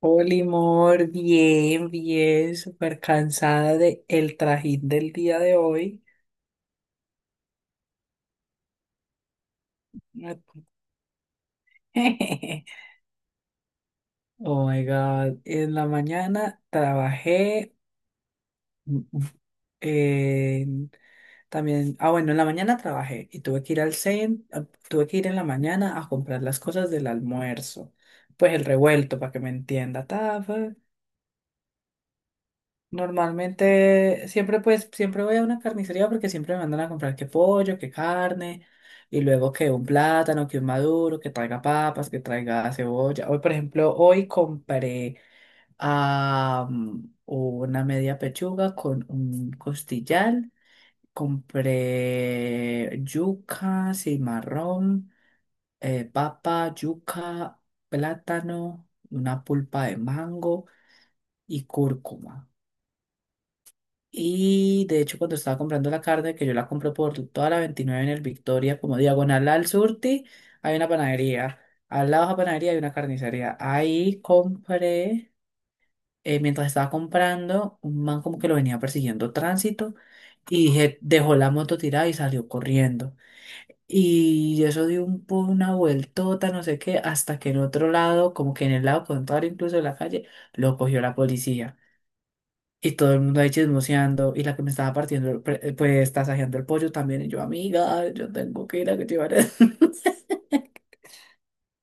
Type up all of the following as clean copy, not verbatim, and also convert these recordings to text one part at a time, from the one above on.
Hola, amor, bien, bien, súper cansada de el trajín del día de hoy. Oh my God, en la mañana trabajé mm, mm, en- también, ah bueno, en la mañana trabajé y tuve que ir al centro, tuve que ir en la mañana a comprar las cosas del almuerzo, pues el revuelto para que me entienda. Normalmente, siempre pues, siempre voy a una carnicería porque siempre me mandan a comprar que pollo, que carne, y luego que un plátano, que un maduro, que traiga papas, que traiga cebolla. Hoy, por ejemplo, hoy compré una media pechuga con un costillar, compré yuca, cimarrón, papa, yuca, plátano, una pulpa de mango y cúrcuma. Y de hecho, cuando estaba comprando la carne, que yo la compro por toda la 29 en el Victoria, como diagonal al Surti, hay una panadería. Al lado de la panadería hay una carnicería. Ahí compré, mientras estaba comprando, un man como que lo venía persiguiendo tránsito y dije, dejó la moto tirada y salió corriendo. Y eso dio una vueltota, no sé qué, hasta que en otro lado, como que en el lado contrario incluso de la calle, lo cogió la policía. Y todo el mundo ahí chismoseando. Y la que me estaba partiendo, el pues tasajeando el pollo también. Y yo, amiga, yo tengo que ir a que llevar el-".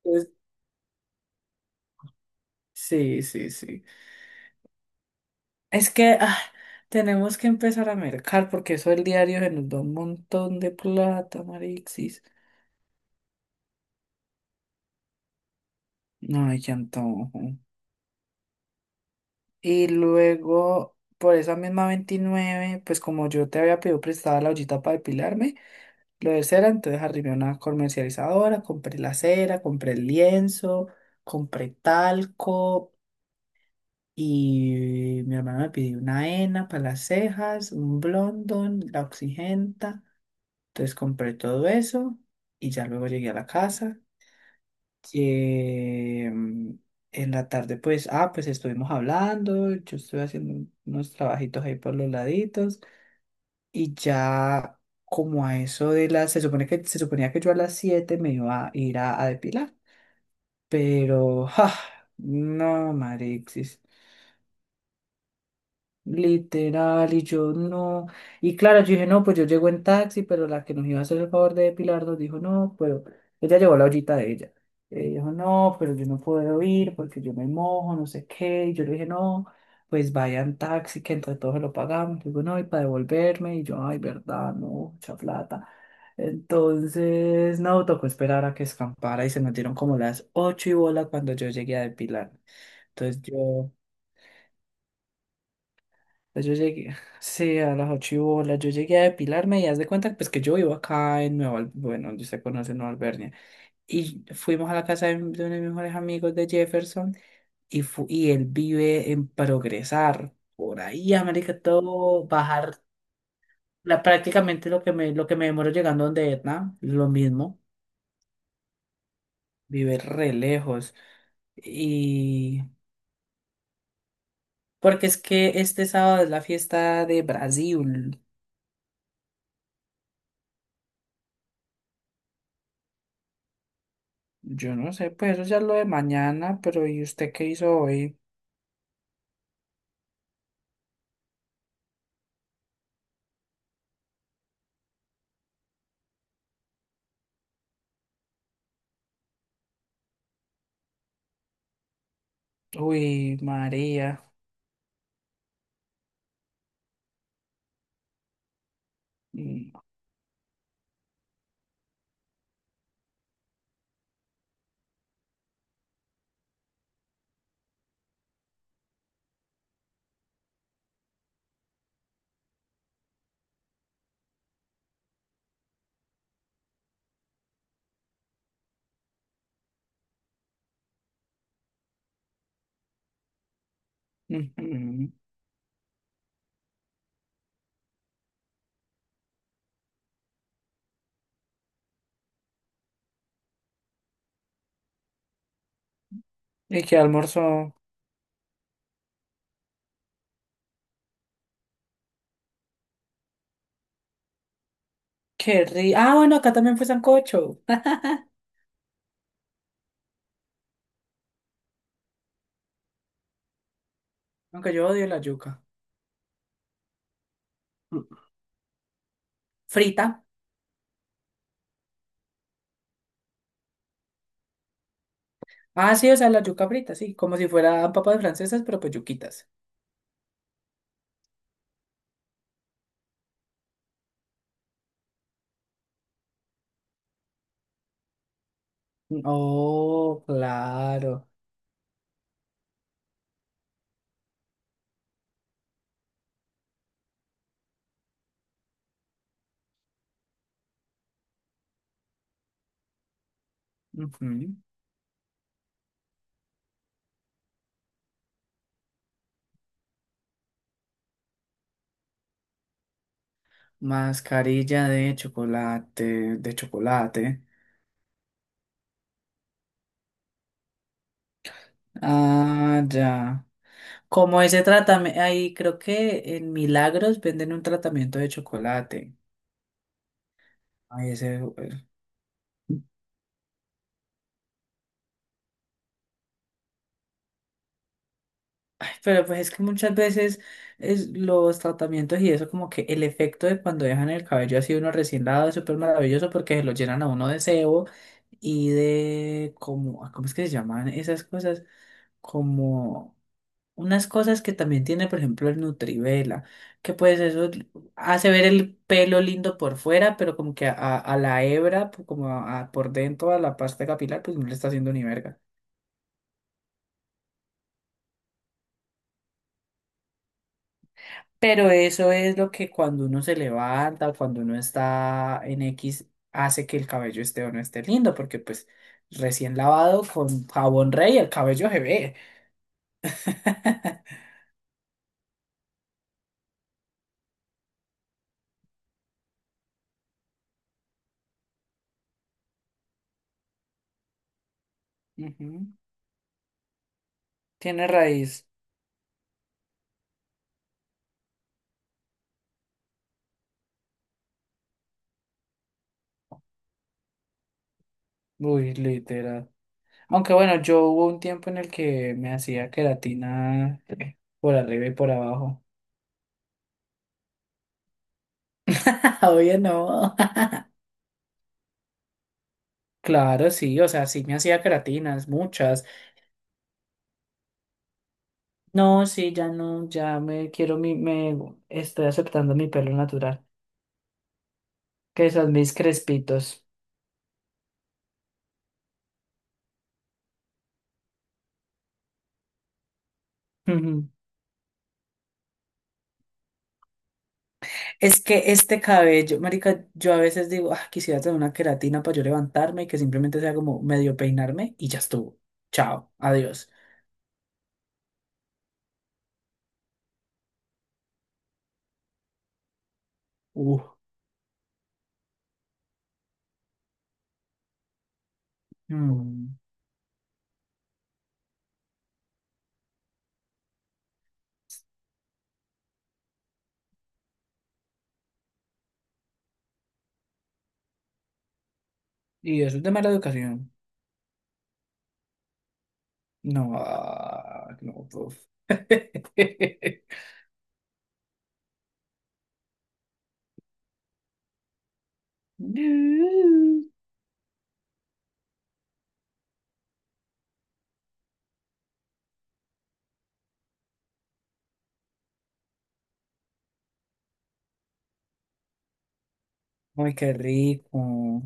Entonces, sí, sí, sí. Es que tenemos que empezar a mercar porque eso el diario se nos da un montón de plata, Marixis. Ay, qué antojo. Y luego, por esa misma 29 pues como yo te había pedido prestada la ollita para depilarme. Lo de cera, entonces arrimé a una comercializadora, compré la cera, compré el lienzo, compré talco y mi hermano me pidió una henna para las cejas, un blondón, la oxigenta. Entonces compré todo eso y ya luego llegué a la casa. Eh, en la tarde, pues, ah, pues estuvimos hablando, yo estuve haciendo unos trabajitos ahí por los laditos. Y ya como a eso de las, se supone que se suponía que yo a las 7 me iba a ir a depilar, pero ja, no, Marix, literal, y yo no. Y claro, yo dije, no, pues yo llego en taxi, pero la que nos iba a hacer el favor de depilar nos dijo, no, pero ella llevó la ollita de ella. Ella dijo, no, pero yo no puedo ir porque yo me mojo, no sé qué. Y yo le dije, no, pues vayan taxi, que entre todos se lo pagamos. Y digo, no, y para devolverme. Y yo, ay, verdad, no, mucha plata. Entonces, no, tocó esperar a que escampara y se metieron como las ocho y bola cuando yo llegué a depilar. Entonces yo. Pues yo llegué, sí, a las ocho y bola, yo llegué a depilarme y haz de cuenta pues que yo vivo acá en Nueva, bueno, usted conoce Nueva Albernia, y fuimos a la casa de uno de mis mejores amigos de Jefferson y él vive en progresar, por ahí, América, todo, bajar la, prácticamente lo que me demoro llegando donde Etna, lo mismo, vive re lejos y... Porque es que este sábado es la fiesta de Brasil. Yo no sé, pues eso ya es lo de mañana, pero ¿y usted qué hizo hoy? Uy, María. Mm, ujú. ¿Y qué almorzó? Qué rico. Ah, bueno, acá también fue sancocho. Aunque yo odio la yuca. Mm. Frita. Ah, sí, o sea, la yuca frita, sí. Como si fuera papas francesas, pero pues yuquitas. Mm, oh, claro. Ujú. Mascarilla de chocolate, de chocolate. Ah, ya. Como ese tratamiento, ahí creo que en Milagros venden un tratamiento de chocolate. Ay, ese, ay, pero pues es que muchas veces es los tratamientos y eso como que el efecto de cuando dejan el cabello así uno recién lavado es súper maravilloso porque se lo llenan a uno de sebo y de como, ah, ¿cómo es que se llaman esas cosas? Como unas cosas que también tiene, por ejemplo, el Nutrivela, que pues eso hace ver el pelo lindo por fuera, pero como que a la hebra, pues, como a por dentro, a la pasta capilar, pues no le está haciendo ni verga. Pero eso es lo que cuando uno se levanta o cuando uno está en X hace que el cabello esté o no esté lindo, porque pues recién lavado con jabón rey el cabello se ve. Ujú. Tiene raíz. Uy, literal. Aunque bueno, yo hubo un tiempo en el que me hacía queratina por arriba y por abajo. Obvio no. Claro, sí, o sea, sí me hacía queratinas, muchas. No, sí, ya no, ya me estoy aceptando mi pelo natural, que son mis crespitos. Ujú. Es que este cabello, marica, yo a veces digo, ah, quisiera tener una queratina para yo levantarme y que simplemente sea como medio peinarme y ya estuvo. Chao, adiós. Uh, mm. Y eso es de mala educación. No, ah, no, prof. No. Ay, qué rico.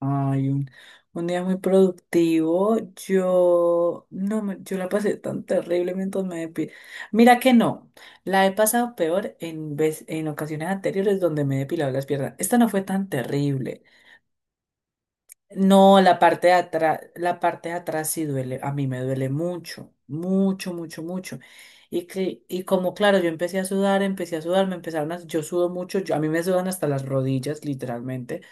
Ay, un día muy productivo. Yo no me- yo la pasé tan terrible mientras me depilé. Mira que no. La he pasado peor en ocasiones anteriores donde me he depilado las piernas. Esta no fue tan terrible. No, la parte de atrás, la parte de atrás sí duele, a mí me duele mucho, mucho, mucho, mucho. Y que, y como claro, yo empecé a sudar, me empezaron yo sudo mucho, a mí me sudan hasta las rodillas, literalmente.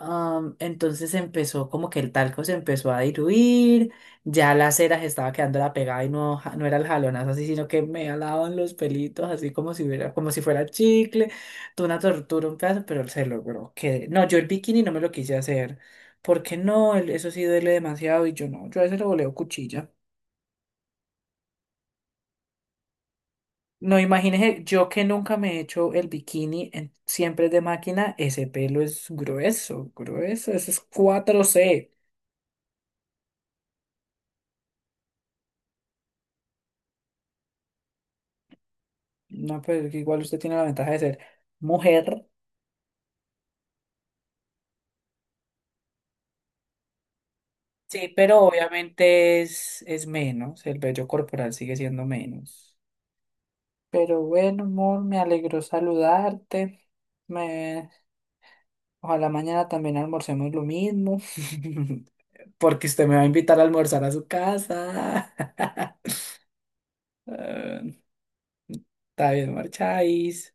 Entonces empezó como que el talco se empezó a diluir, ya la cera se estaba quedando la pegada y no, no era el jalonazo así, sino que me alaban los pelitos así como si hubiera, como si fuera chicle. Fue una tortura, un pedazo, pero se logró. Que, no, yo el bikini no me lo quise hacer, porque no, el- eso sí duele demasiado y yo no, yo a veces lo voleo cuchilla. No, imagínese, yo que nunca me he hecho el bikini, siempre es de máquina, ese pelo es grueso, grueso, eso es 4C. No, pero que igual usted tiene la ventaja de ser mujer. Sí, pero obviamente es menos, el vello corporal sigue siendo menos. Pero bueno, amor, me alegró saludarte. Me... Ojalá mañana también almorcemos lo mismo. Porque usted me va a invitar a almorzar a su casa. Ah, está bien, marcháis.